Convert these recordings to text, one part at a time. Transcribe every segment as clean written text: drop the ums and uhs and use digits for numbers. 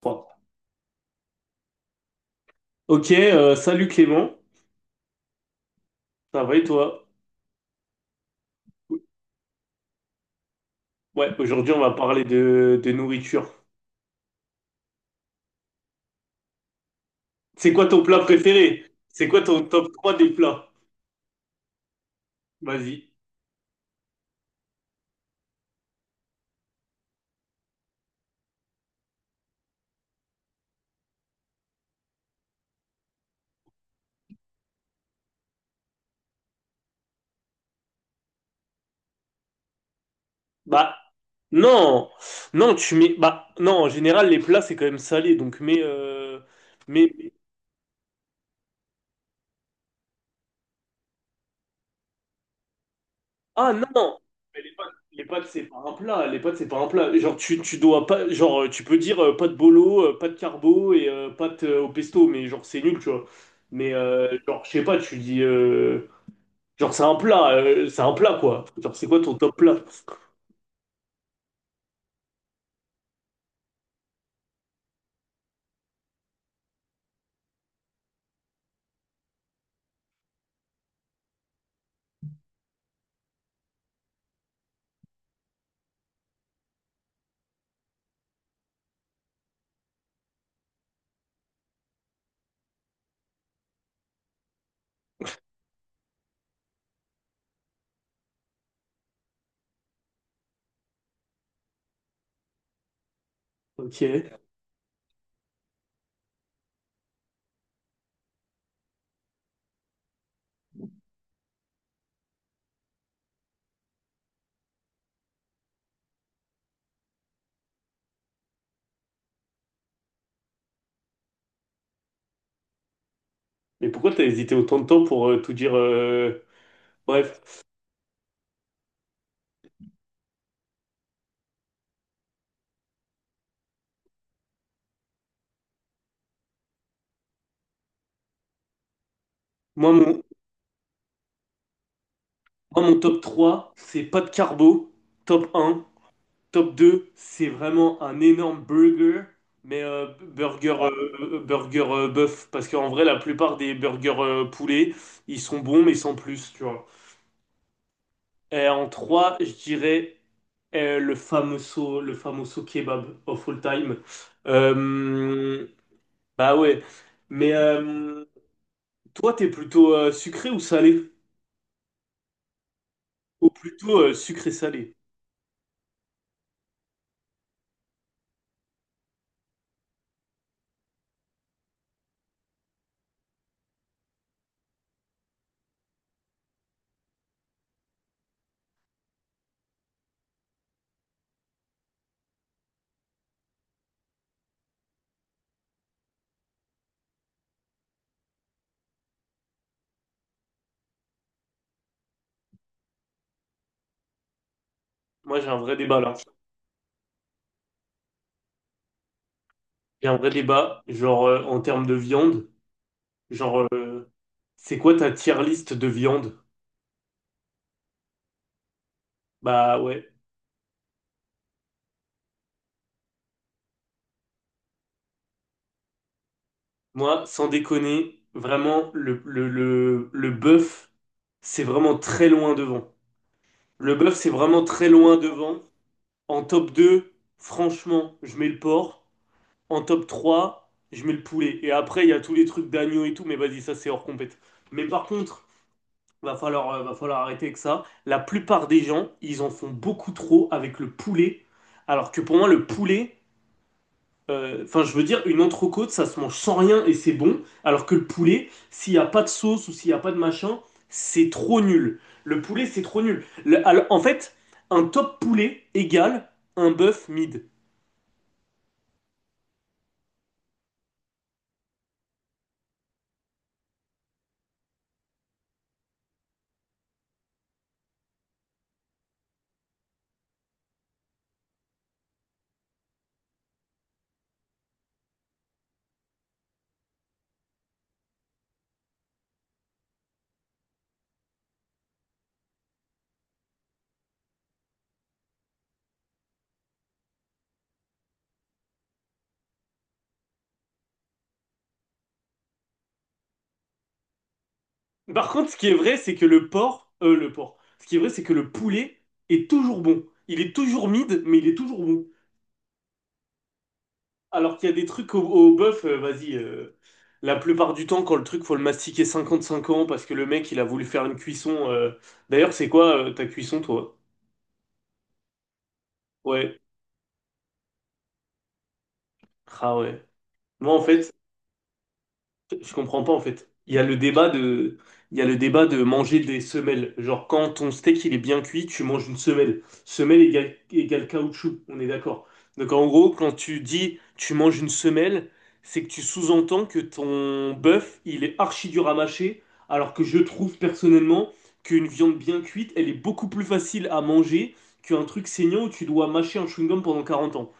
Trois. Ok, Salut Clément, ça va et toi? Ouais, aujourd'hui on va parler de nourriture. C'est quoi ton plat préféré? C'est quoi ton top 3 des plats? Vas-y. Bah, non, non, tu mets. Bah, non, en général, les plats c'est quand même salé, donc mais... mais- Ah non! Mais les pâtes, les pâtes, c'est pas un plat, les pâtes c'est pas un plat. Genre, tu dois pas. Genre, tu peux dire pâtes bolo, pâtes carbo et pâtes au pesto, mais genre c'est nul, tu vois. Mais genre, je sais pas, tu dis. Genre, c'est un plat, quoi. Genre, c'est quoi ton top plat? Ok. Mais pourquoi t'as hésité autant de temps pour tout dire? Bref. Moi mon, moi, mon top 3, c'est pas de carbo. Top un. Top 2, c'est vraiment un énorme burger. Mais burger bœuf. Parce qu'en vrai, la plupart des burgers poulet, ils sont bons, mais sans plus, tu vois. Et en 3, je dirais le famoso kebab of all time. Euh, Bah ouais. Mais toi, t'es plutôt sucré ou salé? Ou plutôt sucré-salé? Moi, j'ai un vrai débat là. J'ai un vrai débat, genre en termes de viande. Genre, euh, c'est quoi ta tier list de viande? Bah ouais. Moi, sans déconner, vraiment, le bœuf, c'est vraiment très loin devant. Le bœuf, c'est vraiment très loin devant. En top 2 franchement, je mets le porc. En top 3, je mets le poulet. Et après, il y a tous les trucs d'agneau et tout, mais vas-y, ça c'est hors compète. Mais par contre, va falloir arrêter avec ça. La plupart des gens, ils en font beaucoup trop avec le poulet. Alors que pour moi, le poulet, enfin, je veux dire, une entrecôte, ça se mange sans rien et c'est bon. Alors que le poulet, s'il n'y a pas de sauce ou s'il n'y a pas de machin, c'est trop nul. Le poulet, c'est trop nul. Le- alors, en fait, un top poulet égale un bœuf mid. Par contre, ce qui est vrai, c'est que ce qui est vrai, c'est que le poulet est toujours bon. Il est toujours mid, mais il est toujours bon. Alors qu'il y a des trucs au bœuf, la plupart du temps, quand le truc, faut le mastiquer 55 ans parce que le mec, il a voulu faire une cuisson. D'ailleurs, c'est quoi ta cuisson, toi? Ouais. Ah ouais. Moi, en fait, Je comprends pas en fait. Il y a le débat de manger des semelles. Genre quand ton steak il est bien cuit, tu manges une semelle. Semelle égale, égale caoutchouc, on est d'accord. Donc en gros, quand tu dis tu manges une semelle, c'est que tu sous-entends que ton bœuf il est archi dur à mâcher, alors que je trouve personnellement qu'une viande bien cuite, elle est beaucoup plus facile à manger qu'un truc saignant où tu dois mâcher un chewing-gum pendant 40 ans.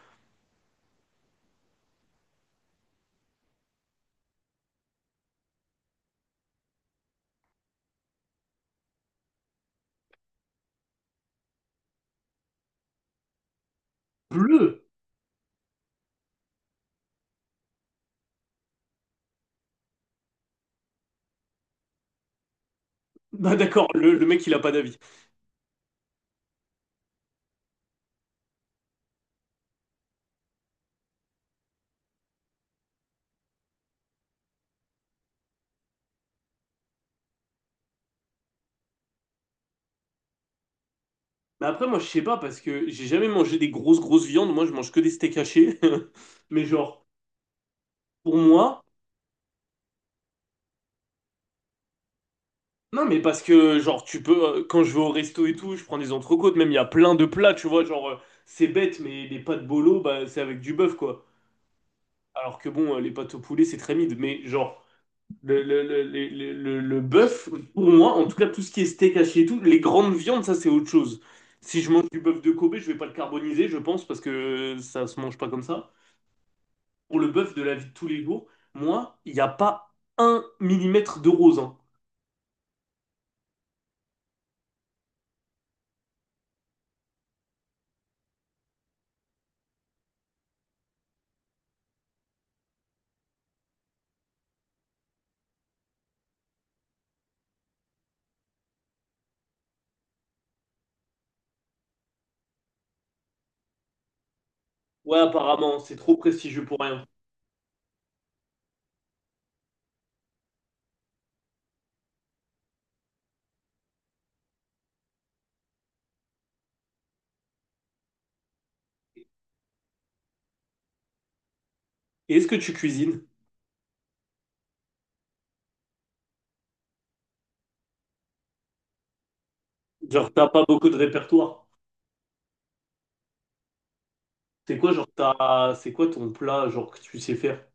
Bleu! Bah d'accord, le mec il a pas d'avis. Mais après, moi, je sais pas parce que j'ai jamais mangé des grosses, grosses viandes. Moi, je mange que des steaks hachés. Mais genre, pour moi, non, mais parce que, genre, quand je vais au resto et tout, je prends des entrecôtes. Même, il y a plein de plats, tu vois. C'est bête, mais les pâtes bolo, bah, c'est avec du bœuf, quoi. Alors que bon, les pâtes au poulet, c'est très mid. Mais genre, le bœuf, pour moi, en tout cas, tout ce qui est steak haché et tout, les grandes viandes, ça, c'est autre chose. Si je mange du bœuf de Kobe, je vais pas le carboniser, je pense, parce que ça se mange pas comme ça. Pour le bœuf de la vie de tous les jours, moi, il n'y a pas un millimètre de rose, hein. Ouais, apparemment, c'est trop prestigieux pour rien. Et est-ce que tu cuisines? Genre, t'as pas beaucoup de répertoire. C'est quoi, genre, t'as... C'est quoi ton plat, genre, que tu sais faire?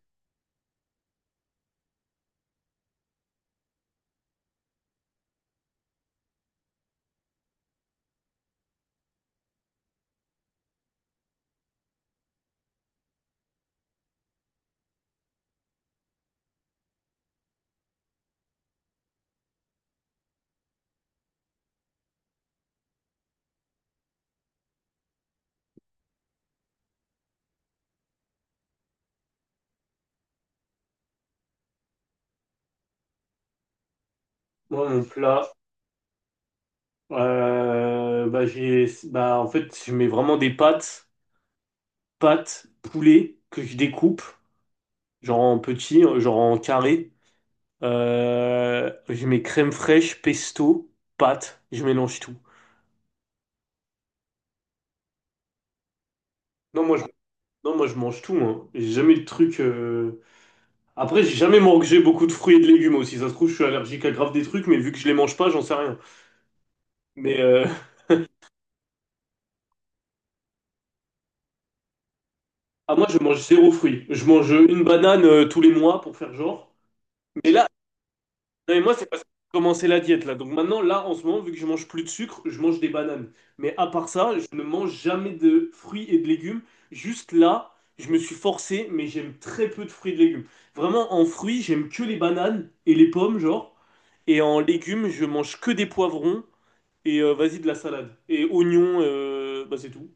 Moi, mon plat, bah, j'ai... Bah, en fait, je mets vraiment des pâtes, pâtes, poulet, que je découpe, genre en petits, genre en carré. Je mets crème fraîche, pesto, pâtes, je mélange tout. Non, moi, je Non, moi je mange tout, hein. J'ai jamais le truc. Après, j'ai jamais mangé beaucoup de fruits et de légumes aussi. Ça se trouve, je suis allergique à grave des trucs, mais vu que je les mange pas, j'en sais rien. Mais ah, moi, je mange zéro fruit. Je mange une banane tous les mois pour faire genre. Mais là, non, mais moi, c'est parce que j'ai commencé la diète, là. Donc maintenant, là, en ce moment, vu que je mange plus de sucre, je mange des bananes. Mais à part ça, je ne mange jamais de fruits et de légumes. Juste là, je me suis forcé, mais j'aime très peu de fruits et de légumes. Vraiment, en fruits, j'aime que les bananes et les pommes, genre. Et en légumes, je mange que des poivrons et vas-y, de la salade. Et oignons, bah, c'est tout.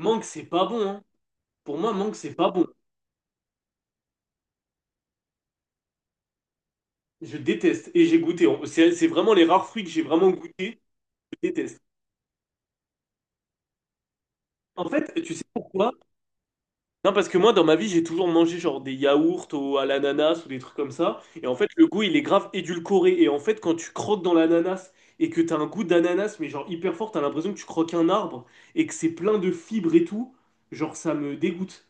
Mangue, c'est pas bon, hein. Pour moi, mangue, c'est pas bon. Je déteste. Et j'ai goûté. C'est vraiment les rares fruits que j'ai vraiment goûté. Je déteste. En fait, tu sais pourquoi? Non, parce que moi, dans ma vie, j'ai toujours mangé genre des yaourts à l'ananas ou des trucs comme ça. Et en fait, le goût, il est grave édulcoré. Et en fait, quand tu croques dans l'ananas et que t'as un goût d'ananas, mais genre hyper fort, t'as l'impression que tu croques un arbre et que c'est plein de fibres et tout. Genre, ça me dégoûte.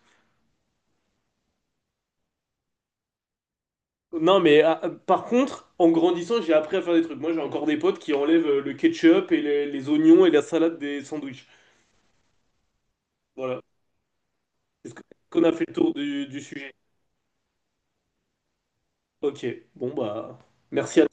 Non, mais ah, par contre, en grandissant, j'ai appris à faire des trucs. Moi, j'ai encore des potes qui enlèvent le ketchup et les oignons et la salade des sandwichs. Voilà. Est-ce que- qu'on a fait le tour du sujet? Ok, bon, bah, merci à